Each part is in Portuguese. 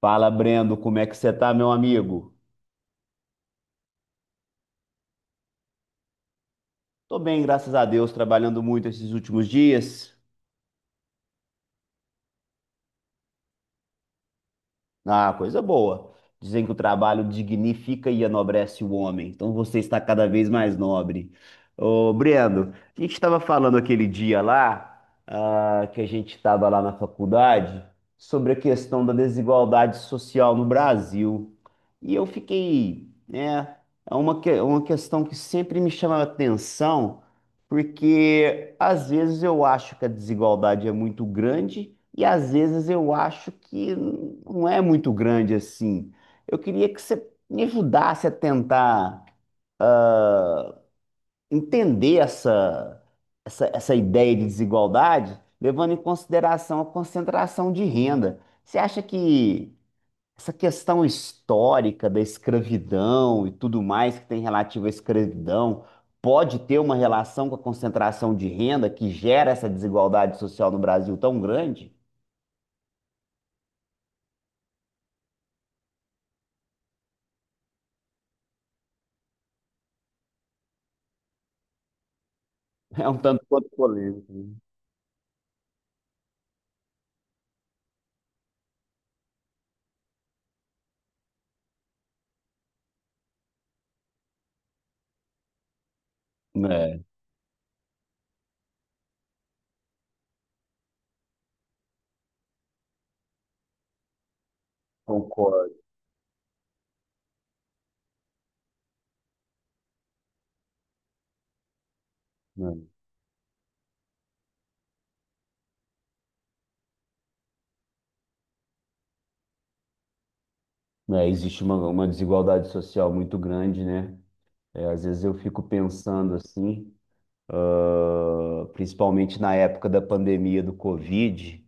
Fala, Brendo, como é que você tá, meu amigo? Tô bem, graças a Deus, trabalhando muito esses últimos dias. Ah, coisa boa. Dizem que o trabalho dignifica e enobrece o homem. Então você está cada vez mais nobre. Ô, Brendo, a gente estava falando aquele dia lá, que a gente estava lá na faculdade, sobre a questão da desigualdade social no Brasil. E eu fiquei, né, uma questão que sempre me chama a atenção, porque às vezes eu acho que a desigualdade é muito grande. E às vezes eu acho que não é muito grande assim. Eu queria que você me ajudasse a tentar entender essa ideia de desigualdade, levando em consideração a concentração de renda. Você acha que essa questão histórica da escravidão e tudo mais que tem relativo à escravidão pode ter uma relação com a concentração de renda que gera essa desigualdade social no Brasil tão grande? É um tanto quanto polêmico. É, concordo, né? É, existe uma desigualdade social muito grande, né? É, às vezes eu fico pensando assim, principalmente na época da pandemia do Covid,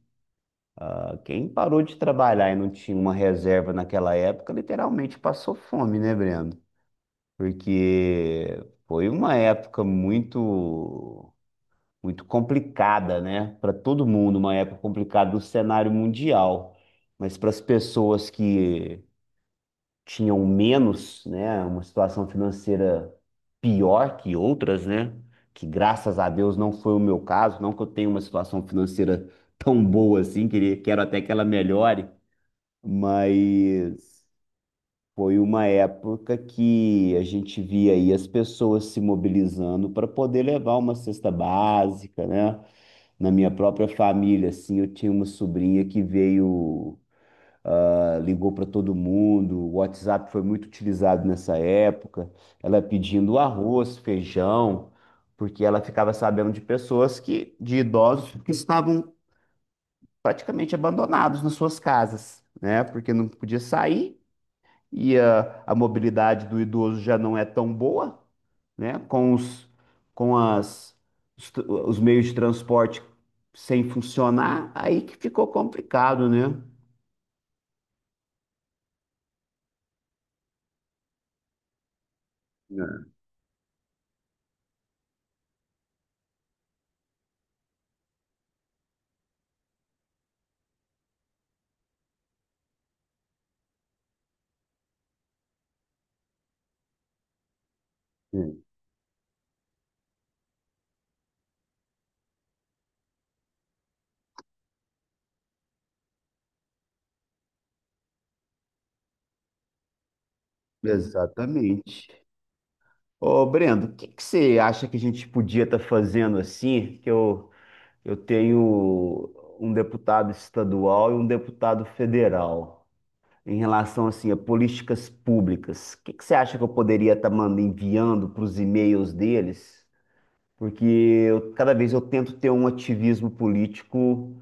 quem parou de trabalhar e não tinha uma reserva naquela época, literalmente passou fome, né, Breno? Porque foi uma época muito, muito complicada, né? Para todo mundo, uma época complicada do cenário mundial. Mas para as pessoas que tinham menos, né, uma situação financeira pior que outras, né? Que graças a Deus não foi o meu caso, não que eu tenha uma situação financeira tão boa assim, queria, quero até que ela melhore, mas foi uma época que a gente via aí as pessoas se mobilizando para poder levar uma cesta básica, né? Na minha própria família, assim, eu tinha uma sobrinha que veio ligou para todo mundo, o WhatsApp foi muito utilizado nessa época, ela pedindo arroz, feijão, porque ela ficava sabendo de pessoas que, de idosos que estavam praticamente abandonados nas suas casas, né? Porque não podia sair e a mobilidade do idoso já não é tão boa, né? Com os, com as, os, tr- os meios de transporte sem funcionar, aí que ficou complicado, né? É. Exatamente. Ô, Brendo, o que que você acha que a gente podia estar fazendo assim? Que eu tenho um deputado estadual e um deputado federal em relação assim a políticas públicas. O que que você acha que eu poderia estar mandando enviando para os e-mails deles? Porque cada vez eu tento ter um ativismo político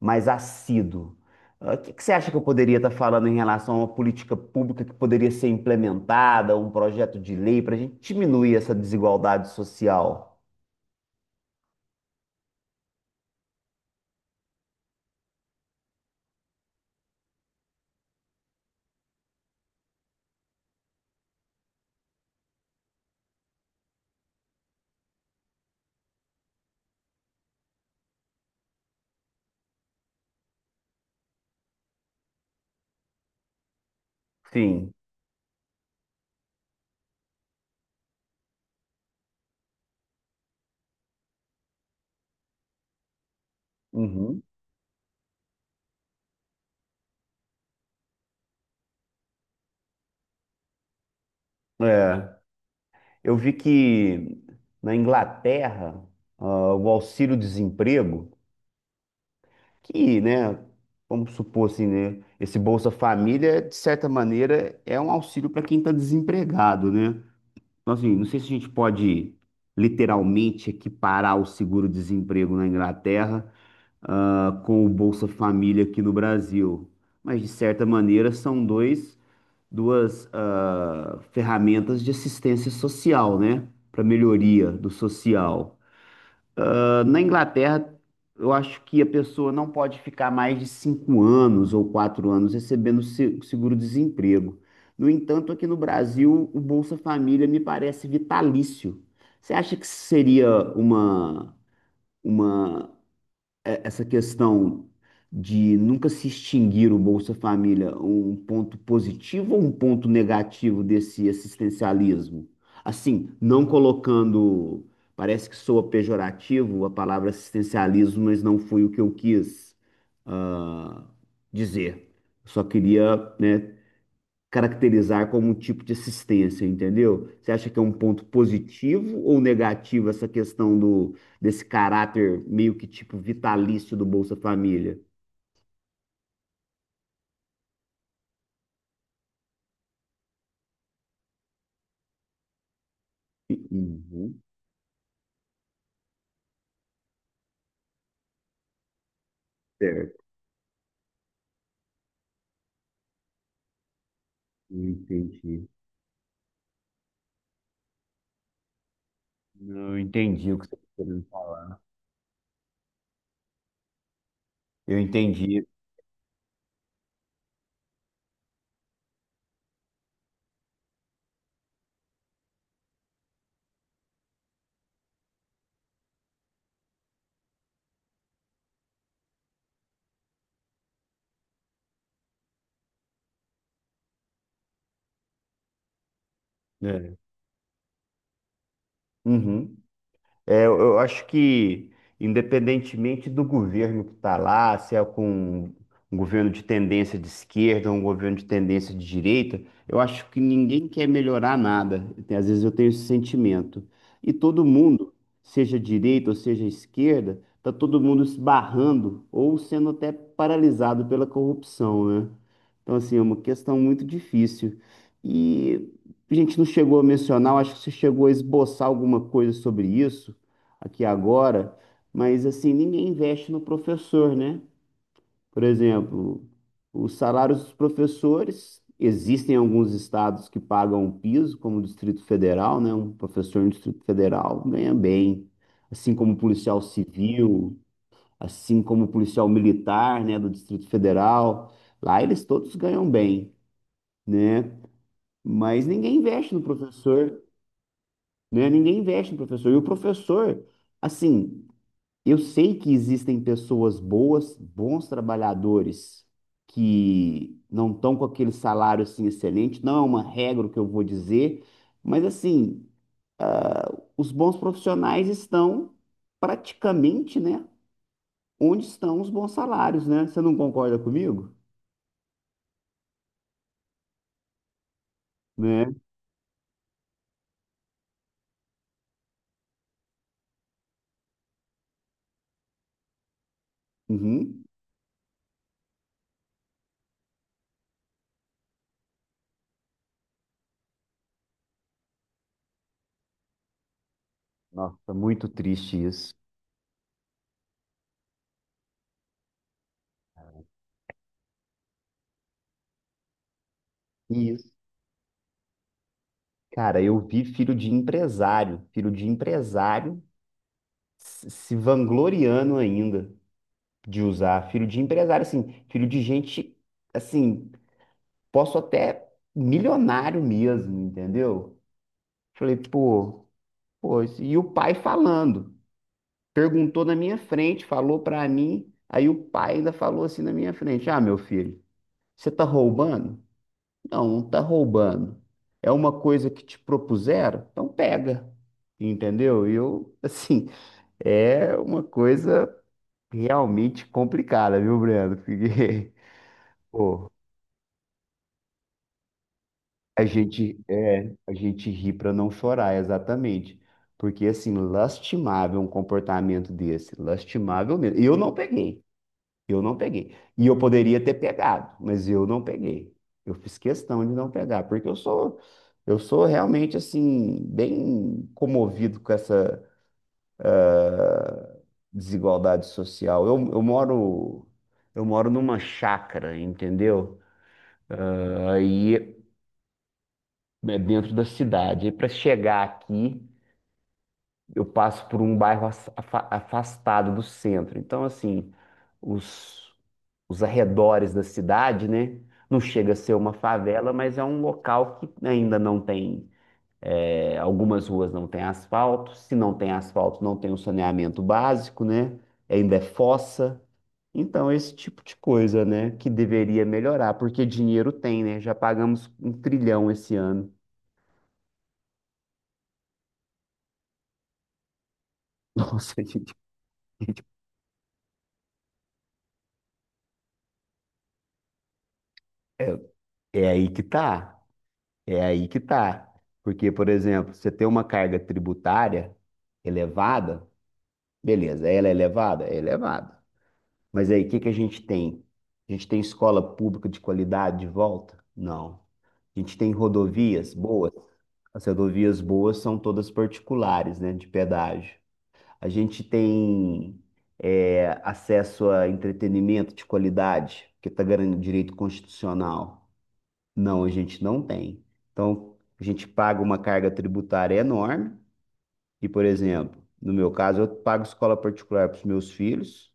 mais assíduo. O que que você acha que eu poderia estar falando em relação a uma política pública que poderia ser implementada, um projeto de lei para a gente diminuir essa desigualdade social? Sim. Uhum. É. Eu vi que na Inglaterra, o auxílio-desemprego, que, né, vamos supor assim, né, esse Bolsa Família, de certa maneira, é um auxílio para quem está desempregado, né? Então, assim, não sei se a gente pode literalmente equiparar o seguro-desemprego na Inglaterra, com o Bolsa Família aqui no Brasil, mas de certa maneira são dois, duas, ferramentas de assistência social, né? Para melhoria do social. Na Inglaterra, eu acho que a pessoa não pode ficar mais de 5 anos ou 4 anos recebendo seguro-desemprego. No entanto, aqui no Brasil, o Bolsa Família me parece vitalício. Você acha que seria uma, uma essa questão de nunca se extinguir o Bolsa Família, um ponto positivo ou um ponto negativo desse assistencialismo? Assim, não colocando, parece que soa pejorativo a palavra assistencialismo, mas não foi o que eu quis, ah, dizer. Só queria, né, caracterizar como um tipo de assistência, entendeu? Você acha que é um ponto positivo ou negativo essa questão do desse caráter meio que tipo vitalício do Bolsa Família? Uhum, certo, entendi. Não, eu entendi o que você está querendo falar. Eu entendi. É. Uhum. É, eu acho que, independentemente do governo que está lá, se é com um governo de tendência de esquerda ou um governo de tendência de direita, eu acho que ninguém quer melhorar nada. Às vezes eu tenho esse sentimento. E todo mundo, seja direita ou seja esquerda, está todo mundo se barrando ou sendo até paralisado pela corrupção, né? Então, assim, é uma questão muito difícil. E a gente não chegou a mencionar, eu acho que você chegou a esboçar alguma coisa sobre isso aqui agora, mas assim, ninguém investe no professor, né? Por exemplo, os salários dos professores, existem alguns estados que pagam um piso, como o Distrito Federal, né? Um professor no Distrito Federal ganha bem, assim como o policial civil, assim como o policial militar, né, do Distrito Federal. Lá eles todos ganham bem, né? Mas ninguém investe no professor, né? Ninguém investe no professor. E o professor, assim, eu sei que existem pessoas boas, bons trabalhadores que não estão com aquele salário assim excelente, não é uma regra o que eu vou dizer, mas assim, ah, os bons profissionais estão praticamente, né, onde estão os bons salários, né? Você não concorda comigo? Né? Uhum. Nossa, muito triste isso. Isso. Cara, eu vi filho de empresário se vangloriando ainda, de usar. Filho de empresário, assim, filho de gente, assim, posso até milionário mesmo, entendeu? Falei, pô, e o pai falando, perguntou na minha frente, falou pra mim, aí o pai ainda falou assim na minha frente: Ah, meu filho, você tá roubando? Não, não tá roubando. É uma coisa que te propuseram? Então pega. Entendeu? E eu, assim, é uma coisa realmente complicada, viu, Breno? Porque a gente ri para não chorar, exatamente. Porque assim, lastimável um comportamento desse, lastimável mesmo. E eu não peguei, eu não peguei. E eu poderia ter pegado, mas eu não peguei. Eu fiz questão de não pegar, porque eu sou realmente assim bem comovido com essa desigualdade social. Eu moro numa chácara, entendeu? Aí é dentro da cidade. E para chegar aqui eu passo por um bairro afastado do centro. Então, assim, os, os arredores da cidade, né? Não chega a ser uma favela, mas é um local que ainda não tem. Algumas ruas não têm asfalto. Se não tem asfalto, não tem o saneamento básico, né? Ainda é fossa. Então, esse tipo de coisa, né, que deveria melhorar, porque dinheiro tem, né? Já pagamos um trilhão esse ano. Nossa, gente, é, é aí que tá. É aí que tá. Porque, por exemplo, você tem uma carga tributária elevada, beleza, ela é elevada? É elevada. Mas aí, o que que a gente tem? A gente tem escola pública de qualidade de volta? Não. A gente tem rodovias boas? As rodovias boas são todas particulares, né, de pedágio. A gente tem acesso a entretenimento de qualidade, que está garantindo direito constitucional. Não, a gente não tem. Então, a gente paga uma carga tributária enorme. E, por exemplo, no meu caso, eu pago escola particular para os meus filhos,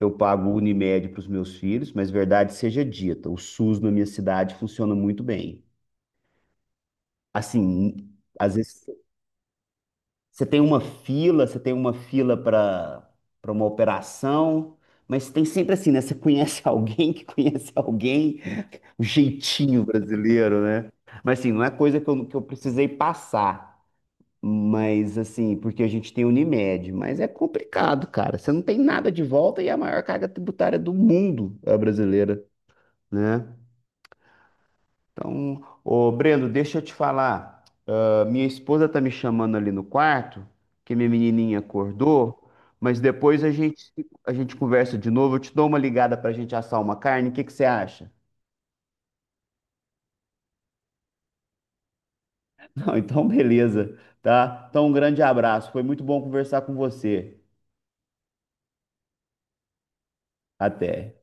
eu pago Unimed para os meus filhos, mas verdade seja dita, o SUS na minha cidade funciona muito bem. Assim, às vezes você tem uma fila para uma operação, mas tem sempre assim, né? Você conhece alguém que conhece alguém, o jeitinho brasileiro, né? Mas assim, não é coisa que eu precisei passar, mas assim, porque a gente tem Unimed, mas é complicado, cara. Você não tem nada de volta e é a maior carga tributária do mundo é a brasileira, né? Então, ô Brendo, deixa eu te falar. A minha esposa tá me chamando ali no quarto, que minha menininha acordou, mas depois a gente conversa de novo. Eu te dou uma ligada pra gente assar uma carne. O que que você acha? Não, então beleza, tá? Então um grande abraço. Foi muito bom conversar com você. Até.